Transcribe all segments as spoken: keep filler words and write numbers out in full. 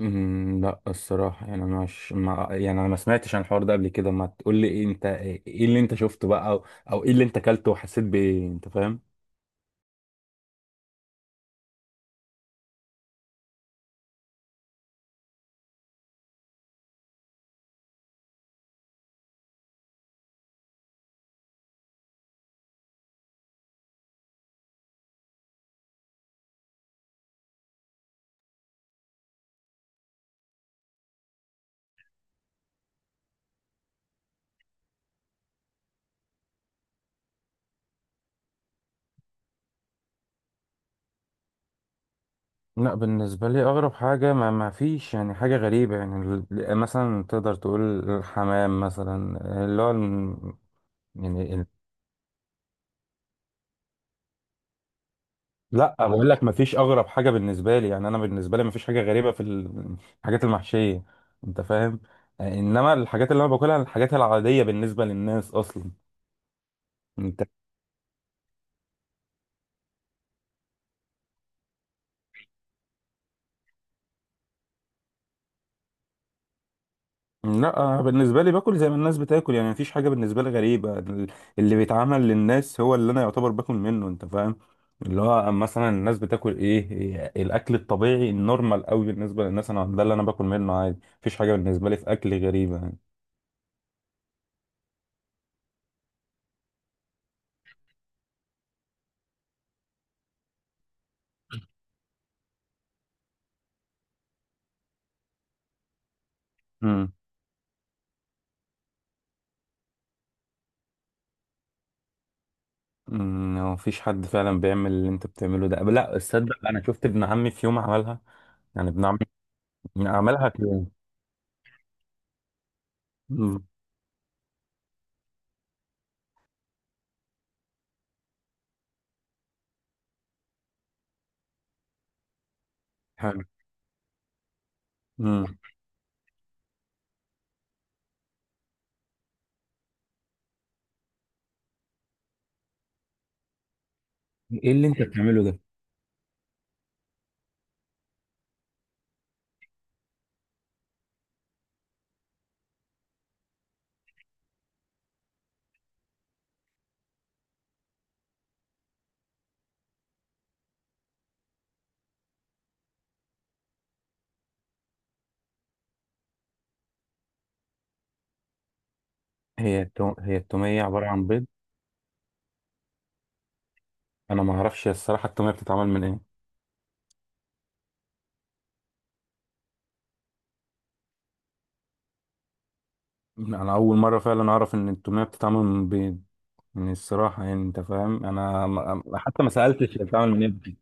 أمم، لا الصراحة يعني أنا مش ما يعني أنا ما سمعتش عن الحوار ده قبل كده. ما تقول لي إيه أنت، إيه اللي أنت شفته بقى أو, أو إيه اللي أنت أكلته وحسيت بإيه؟ أنت فاهم؟ لا بالنسبة لي أغرب حاجة ما, ما فيش يعني حاجة غريبة. يعني ال- مثلا تقدر تقول الحمام مثلا، اللي هو الم- يعني ال- لا، بقول لك ما فيش أغرب حاجة بالنسبة لي. يعني أنا بالنسبة لي ما فيش حاجة غريبة في ال- الحاجات المحشية، أنت فاهم؟ إنما الحاجات اللي أنا باكلها الحاجات العادية بالنسبة للناس أصلا. لا، أنا بالنسبة لي باكل زي ما الناس بتاكل، يعني مفيش حاجة بالنسبة لي غريبة. ال- اللي بيتعمل للناس هو اللي أنا يعتبر باكل منه، أنت فاهم؟ اللي هو مثلا الناس بتاكل إيه، إيه الأكل الطبيعي النورمال قوي بالنسبة للناس، أنا ده اللي أنا باكل منه عادي. مفيش حاجة بالنسبة لي في أكل غريبة يعني. امم أمم، هو مفيش حد فعلا بيعمل اللي أنت بتعمله ده، لا تصدق. أنا شفت ابن عمي في يوم عملها. يعني ابن عمي عملها في يوم. أمم. حلو. أمم. إيه اللي أنت بتعمله ده؟ هي التو... هي التومية عبارة عن بيض؟ انا ما اعرفش الصراحه التوميه بتتعمل من ايه. انا اول مره فعلا اعرف ان التوميه بتتعمل من بيض. يعني الصراحه، يعني انت فاهم، انا ما- حتى ما سالتش هي بتتعمل من ايه.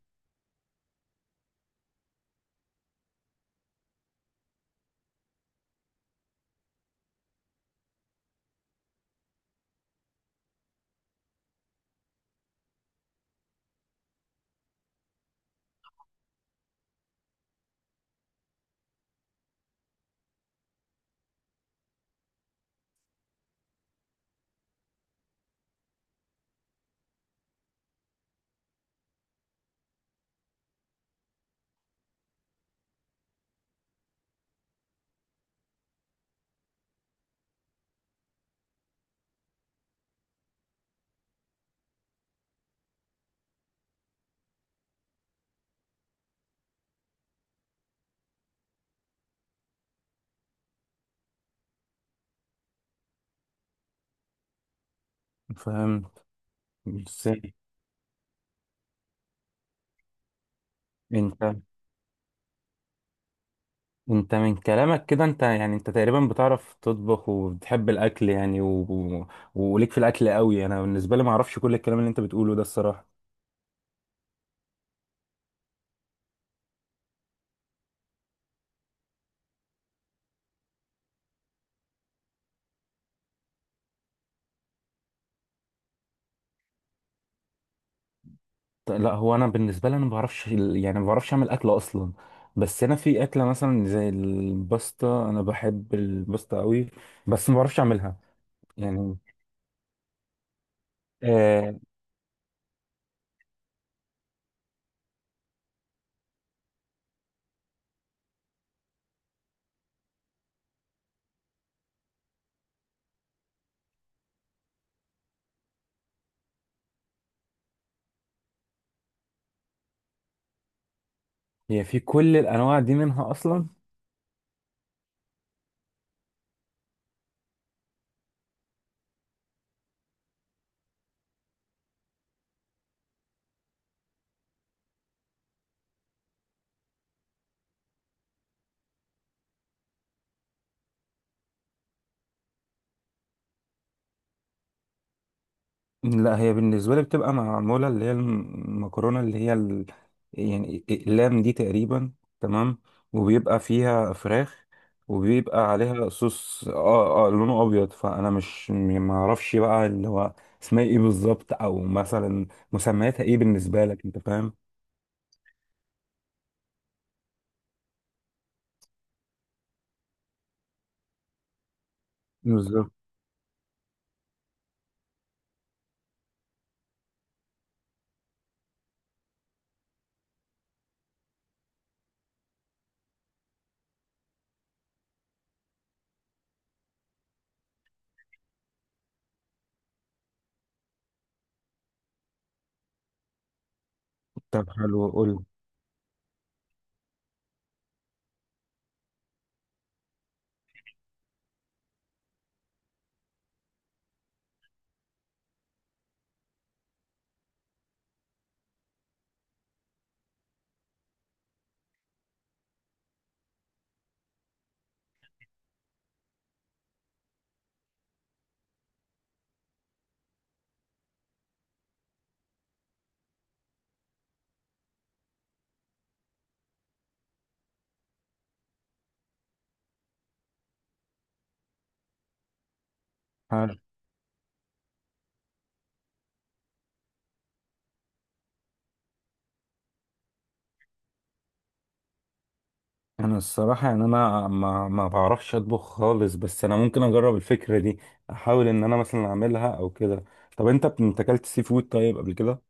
فاهم؟ بس انت، انت من كلامك كده، انت يعني انت تقريبا بتعرف تطبخ وبتحب الاكل يعني و... و... وليك في الاكل قوي. انا بالنسبه لي ما اعرفش كل الكلام اللي انت بتقوله ده الصراحه. ط- لا، هو انا بالنسبه لي انا ما بعرفش ال- يعني ما بعرفش اعمل اكل اصلا. بس انا في اكله مثلا زي الباستا، انا بحب الباستا قوي بس ما بعرفش اعملها. يعني آه. هي في كل الانواع دي منها اصلا؟ لا، هي بالنسبة لي بتبقى معمولة اللي هي المكرونة، اللي هي ال... يعني اللام دي تقريبا، تمام. وبيبقى فيها فراخ وبيبقى عليها صوص، اه اه، لونه ابيض. فانا مش م- ما اعرفش بقى اللي هو اسمها ايه بالظبط، او مثلا مسمياتها ايه بالنسبة لك، انت فاهم؟ بالظبط. طب حلو، قول. انا الصراحه يعني انا ما ما بعرفش اطبخ خالص، بس انا ممكن اجرب الفكره دي. احاول ان انا مثلا اعملها او كده. طب انت بت- انت اكلت سي فود طيب قبل كده؟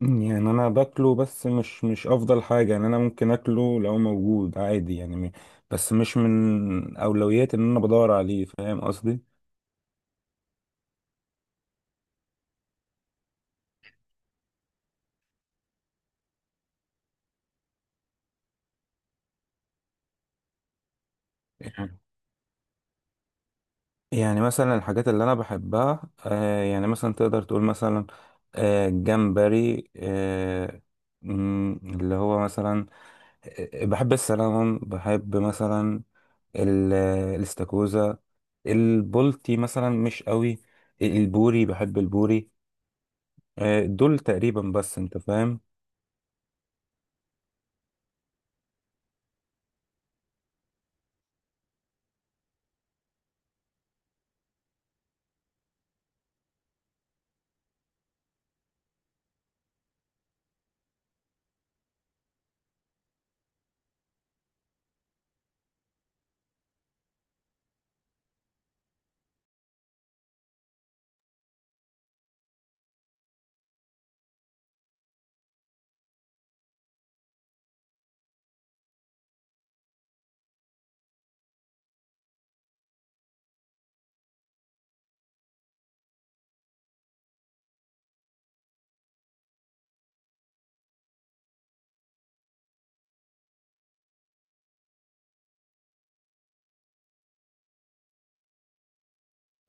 مم، يعني انا باكله بس مش مش افضل حاجه. يعني انا ممكن اكله لو موجود عادي، يعني م- بس مش من اولوياتي ان انا بدور عليه، فاهم قصدي؟ يعني يعني مثلا الحاجات اللي انا بحبها، آه، يعني مثلا تقدر تقول مثلا آه، جمبري، آه، مم، اللي هو مثلا بحب السلمون، بحب مثلا ال- الاستاكوزا، البولتي مثلا مش قوي، البوري، بحب البوري. آه، دول تقريبا بس، انت فاهم.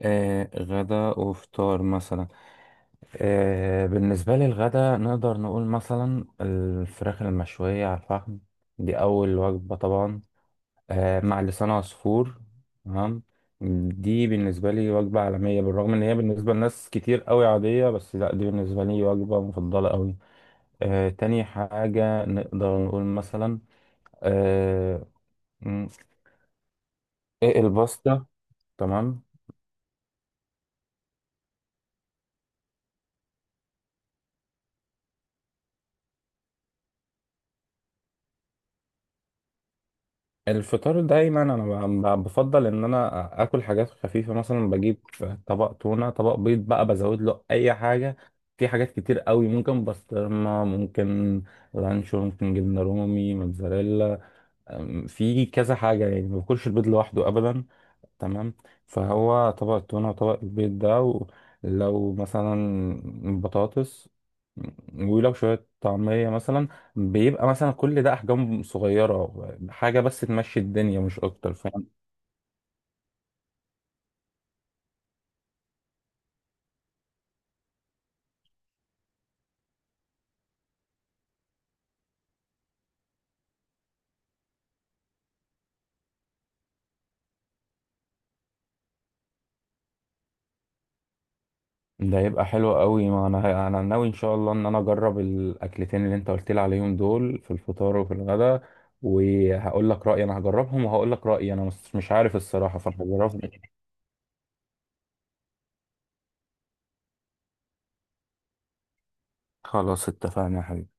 آه، غدا وفطار مثلا. آه، بالنسبة لي الغدا نقدر نقول مثلا الفراخ المشوية على الفحم، دي أول وجبة طبعا، آه، مع لسان عصفور، تمام. دي بالنسبة لي وجبة عالمية، بالرغم إن هي بالنسبة لناس كتير قوي عادية، بس لأ، دي بالنسبة لي وجبة مفضلة قوي. آه، تاني حاجة نقدر نقول مثلا آه، م- إيه، الباستا، تمام. الفطار دايما أنا ب- ب- بفضل إن أنا آكل حاجات خفيفة. مثلا بجيب طبق تونة، طبق بيض بقى بزود له أي حاجة، في حاجات كتير قوي، ممكن بسطرمة، ممكن لانشون، ممكن جبنة رومي، موتزاريلا. أم، في كذا حاجة، يعني ما باكلش البيض لوحده أبدا، تمام. فهو طبق التونة وطبق البيض ده، ولو مثلا بطاطس، ولو شوية طعمية مثلا، بيبقى مثلا كل ده أحجام صغيرة، حاجة بس تمشي الدنيا مش أكتر، فاهم؟ ده يبقى حلو قوي. ما أنا، أنا ناوي إن شاء الله إن أنا أجرب الأكلتين اللي أنت قلت لي عليهم دول، في الفطار وفي الغداء، وهقول لك رأيي. أنا هجربهم وهقول لك رأيي، أنا مش مش عارف الصراحة، فأنا هجربهم. خلاص، اتفقنا يا حبيبي.